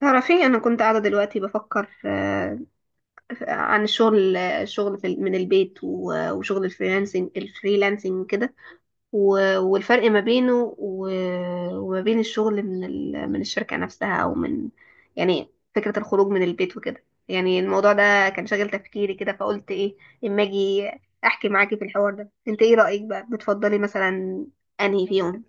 تعرفي انا كنت قاعده دلوقتي بفكر، عن الشغل في من البيت وشغل الفريلانسنج كده، والفرق ما بينه وما بين الشغل من من الشركه نفسها او من، يعني فكره الخروج من البيت وكده. يعني الموضوع ده كان شاغل تفكيري كده، فقلت ايه اما اجي احكي معاكي في الحوار ده. انت ايه رايك بقى، بتفضلي مثلا انهي فيهم؟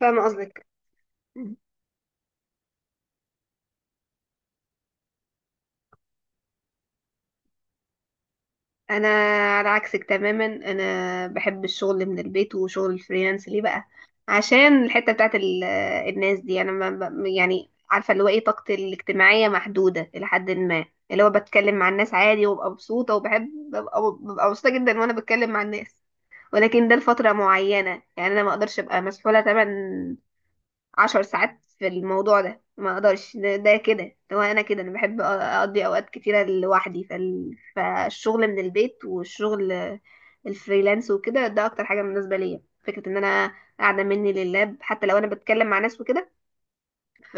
فاهمه قصدك. انا على عكسك تماما، انا بحب الشغل من البيت وشغل الفريلانس، ليه بقى؟ عشان الحته بتاعت الناس دي، انا ما ب- يعني عارفه اللي هو ايه، طاقتي الاجتماعيه محدوده الى حد ما. اللي هو بتكلم مع الناس عادي وببقى مبسوطه، وبحب ببقى مبسوطه جدا وانا بتكلم مع الناس، ولكن ده لفتره معينه. يعني انا ما اقدرش ابقى مسحوله تمام عشر ساعات في الموضوع ده، ما اقدرش. ده كده، هو انا انا بحب اقضي اوقات كتيره لوحدي. فالشغل من البيت والشغل الفريلانس وكده، ده اكتر حاجه مناسبه ليا، فكره ان انا قاعده مني لللاب حتى لو انا بتكلم مع ناس وكده. ف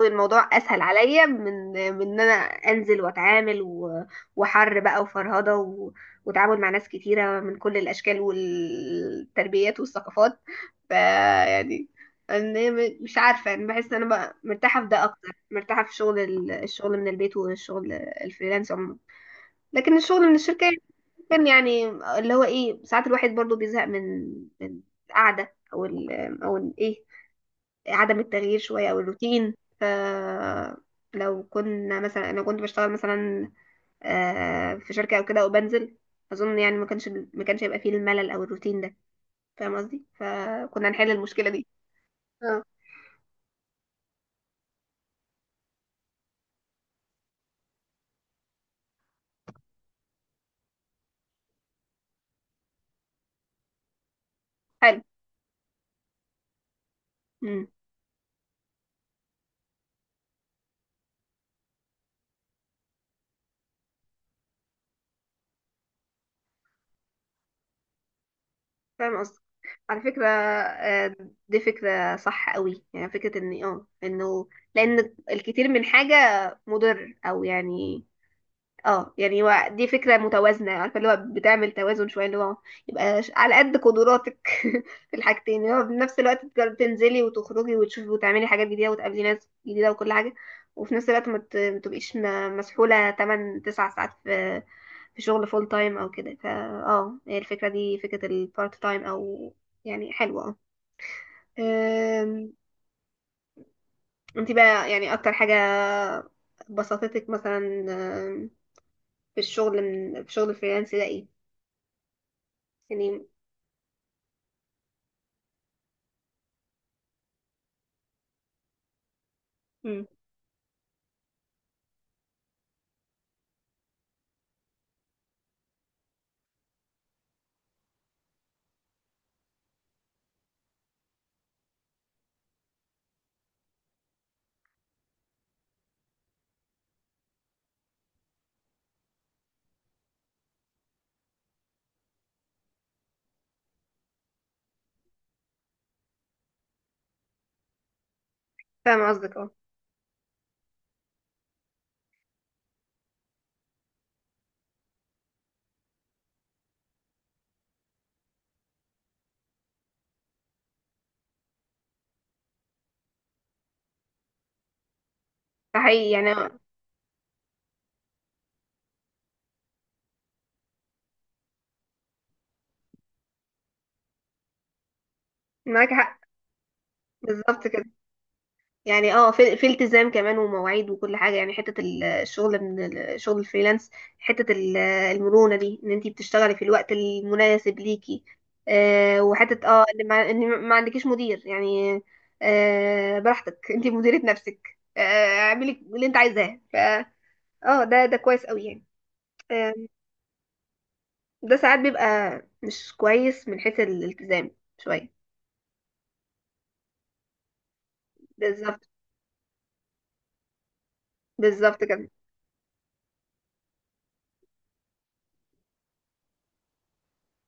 الموضوع اسهل عليا من ان انا انزل واتعامل وحر بقى وفرهضه وتعامل مع ناس كتيره من كل الاشكال والتربيات والثقافات. يعني أنا مش عارفه، انا بحس ان انا بقى مرتاحه في ده اكتر، مرتاحه في شغل الشغل من البيت والشغل الفريلانس عموما. لكن الشغل من الشركه كان يعني اللي هو ايه، ساعات الواحد برضو بيزهق من من القعده او او ايه، عدم التغيير شوية أو الروتين. ف لو كنا مثلا، أنا كنت بشتغل مثلا في شركة أو كده وبنزل، أظن يعني ما كانش هيبقى فيه الملل أو الروتين ده، فاهم قصدي؟ فكنا نحل المشكلة دي. اه، حلو. امم، فاهم قصدي. على فكرة دي فكرة صح قوي، يعني فكرة إن اه إنه، لأن الكثير من حاجة مضر، أو يعني اه يعني هو دي فكرة متوازنة، عارفة اللي هو بتعمل توازن شوية، اللي هو يبقى على قد قدراتك. في الحاجتين، اللي هو في نفس الوقت تنزلي وتخرجي وتشوفي وتعملي حاجات جديدة وتقابلي ناس جديدة وكل حاجة، وفي نفس الوقت ما تبقيش مسحولة 8 9 ساعات في شغل فول تايم او كده. اه، هي الفكرة دي فكرة البارت تايم، او يعني حلوة. اه، انت بقى يعني اكتر حاجة بسطتك مثلا، أم، في الشغل من في شغل الفريلانس ده، ايه؟ سنين. امم، فاهم قصدك. اه، ده حقيقي يعني. آه، معاك حق، بالظبط كده. يعني اه، في التزام كمان، ومواعيد، وكل حاجه يعني. حته الشغل من الشغل الفريلانس، حته المرونه دي ان انتي بتشتغلي في الوقت المناسب ليكي، وحته اه ان ما, إن ما عندكيش مدير يعني، براحتك، انتي مديره نفسك، اعملي اللي انت عايزاه. اه، ده كويس قوي يعني. آه، ده ساعات بيبقى مش كويس من حيث الالتزام شويه. بالظبط، بالظبط كده.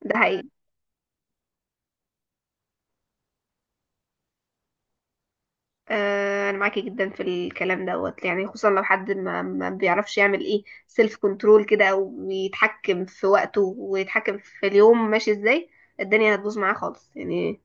ده حقيقي. آه انا معاكي جدا في الكلام دوت يعني، خصوصا لو حد ما بيعرفش يعمل ايه سيلف كنترول كده، او يتحكم في وقته ويتحكم في اليوم ماشي ازاي، الدنيا هتبوظ معاه خالص يعني.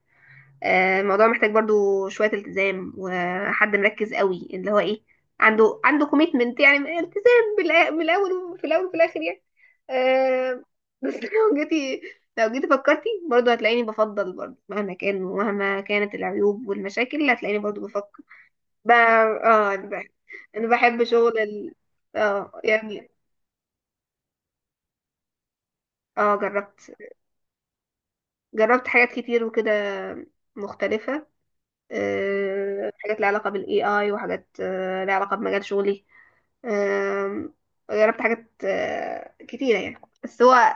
الموضوع محتاج برضو شوية التزام وحد مركز قوي، اللي هو ايه، عنده كوميتمنت، يعني التزام، من الاول وفي الاول وفي الاخر يعني. آه، بس لو جيتي، فكرتي برضو، هتلاقيني بفضل برضو، مهما كان ومهما كانت العيوب والمشاكل هتلاقيني برضو بفكر. ب... اه أنا بحب شغل اه يعني. اه، جربت. جربت حاجات كتير وكده مختلفة. حاجات ليها علاقة بالاي اي، وحاجات آه، ليها علاقة بمجال شغلي. آم، جربت حاجات كتيرة يعني. بس هو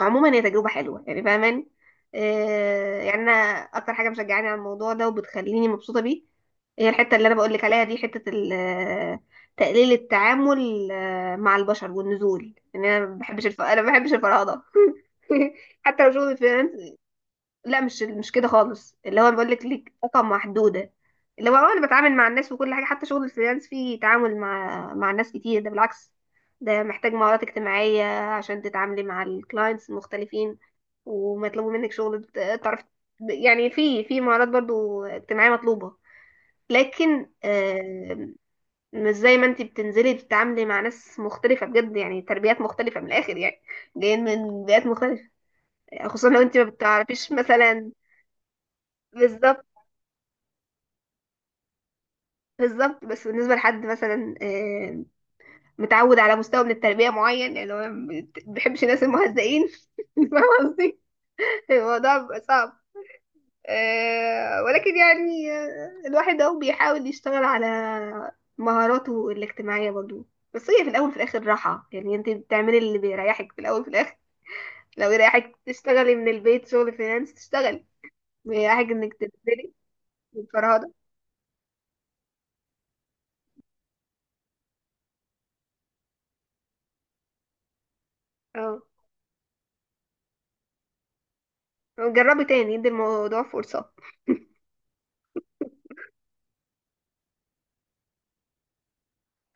عموما هي تجربة حلوة يعني، فاهماني؟ يعني انا اكتر حاجة مشجعاني على الموضوع ده وبتخليني مبسوطة بيه، هي الحتة اللي انا بقولك عليها دي، حتة تقليل التعامل مع البشر والنزول. يعني انا ما بحبش انا ما بحبش الفراغ ده حتى لو شغل الفريلانسنج، لا مش كده خالص، اللي هو بقول لك ليك طاقة محدودة. اللي هو انا بتعامل مع الناس وكل حاجة، حتى شغل الفريلانس فيه تعامل مع ناس كتير. ده بالعكس، ده محتاج مهارات اجتماعية عشان تتعاملي مع الكلاينتس المختلفين، ومطلوب منك شغل تعرف. يعني في مهارات برضو اجتماعية مطلوبة، لكن مش زي ما انت بتنزلي بتتعاملي مع ناس مختلفة بجد يعني، تربيات مختلفة من الآخر يعني، جايين من بيئات مختلفة. يعني خصوصا لو انت ما بتعرفيش مثلا. بالظبط، بالظبط. بس بالنسبة لحد مثلا متعود على مستوى من التربية معين، يعني هو ما بيحبش الناس المهزئين فاهم قصدي؟ الموضوع بيبقى صعب. ولكن يعني الواحد اهو بيحاول يشتغل على مهاراته الاجتماعية برضو. بس هي في الأول وفي الآخر راحة، يعني انت بتعملي اللي بيريحك في الأول وفي الآخر. لو يريحك تشتغلي من البيت شغل فريلانس تشتغلي، بيريحك انك تنزلي الفرهدة. اه، جربي تاني، ادي الموضوع فرصة.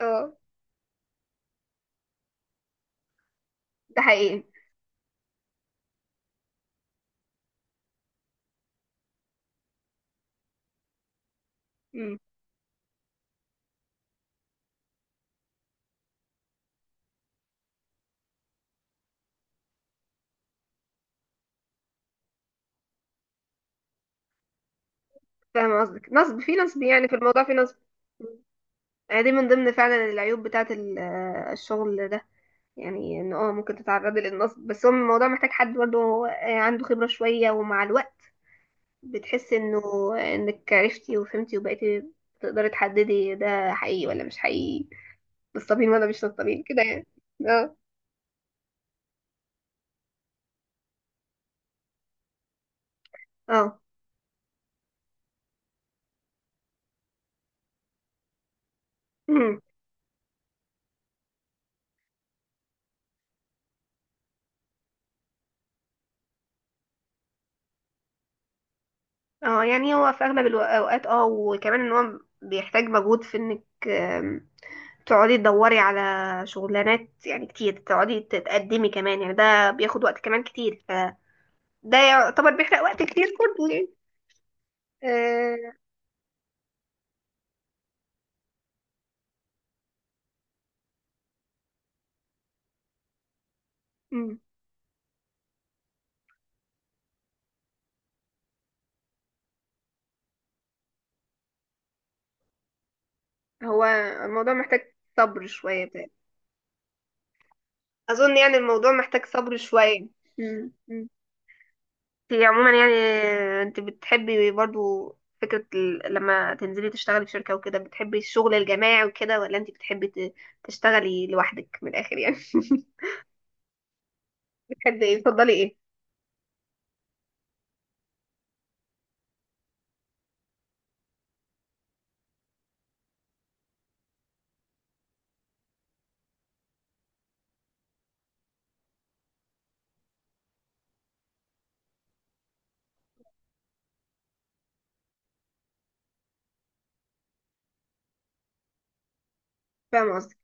اه، ده حقيقي. فاهمة قصدك، نصب في نصب، يعني في الموضوع في نصب. مم. يعني دي من ضمن فعلا العيوب بتاعة الشغل ده. يعني ان اه ممكن تتعرضي للنصب، بس هو الموضوع محتاج حد برضه هو، آه، عنده خبرة شوية. ومع الوقت بتحسي انه آه، انك عرفتي وفهمتي وبقيتي تقدري تحددي ده حقيقي ولا مش حقيقي، نصابين ولا مش نصابين كده يعني. اه. اه. أمم. اه، يعني هو في اغلب الاوقات اه. وكمان ان هو بيحتاج مجهود في انك تقعدي تدوري على شغلانات يعني كتير، تقعدي تتقدمي كمان. يعني ده بياخد وقت كمان كتير، فده يعتبر بيحرق وقت كتير برضه يعني. آه، أمم. هو الموضوع محتاج صبر شوية بتاعي. أظن يعني الموضوع محتاج صبر شوية. أمم. أمم. في عموما يعني انت بتحبي برضو فكرة لما تنزلي تشتغلي في شركة وكده، بتحبي الشغل الجماعي وكده، ولا انت بتحبي تشتغلي لوحدك من الآخر يعني بتحبي ايه، تفضلي ايه؟ فاهمة قصدي.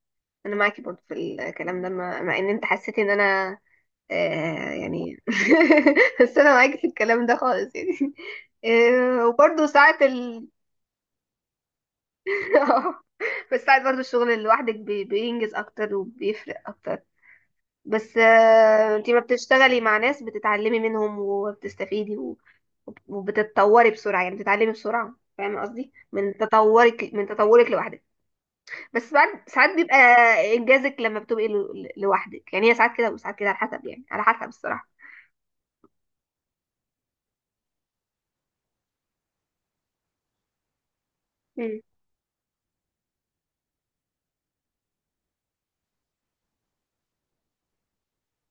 انا معاكي برضه في الكلام ده، مع ان انت حسيتي ان انا يعني بس انا معاكي في الكلام ده خالص يعني. وبرضه ساعات ال بس ساعات برضه الشغل لوحدك بينجز اكتر وبيفرق اكتر. بس آه، انت ما بتشتغلي مع ناس بتتعلمي منهم وبتستفيدي وبتتطوري بسرعة، يعني بتتعلمي بسرعة، فاهمة قصدي؟ من تطورك، من تطورك لوحدك. بس بعد ساعات بيبقى انجازك لما بتبقي لوحدك يعني، هي ساعات كده وساعات كده على حسب، يعني على حسب الصراحة. مم.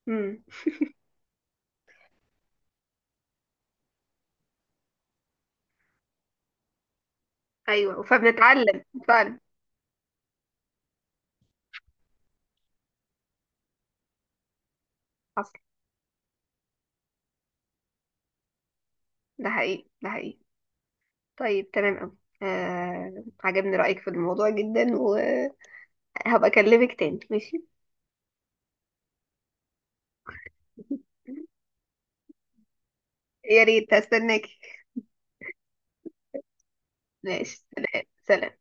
امم. ايوه، فبنتعلم فعلا. حصل، ده حقيقي، ده حقيقي. طيب تمام قوي. آه، عجبني رأيك في الموضوع جدا، وهبقى اكلمك تاني ماشي؟ يا ريت، هستناكي. ماشي، سلام سلام.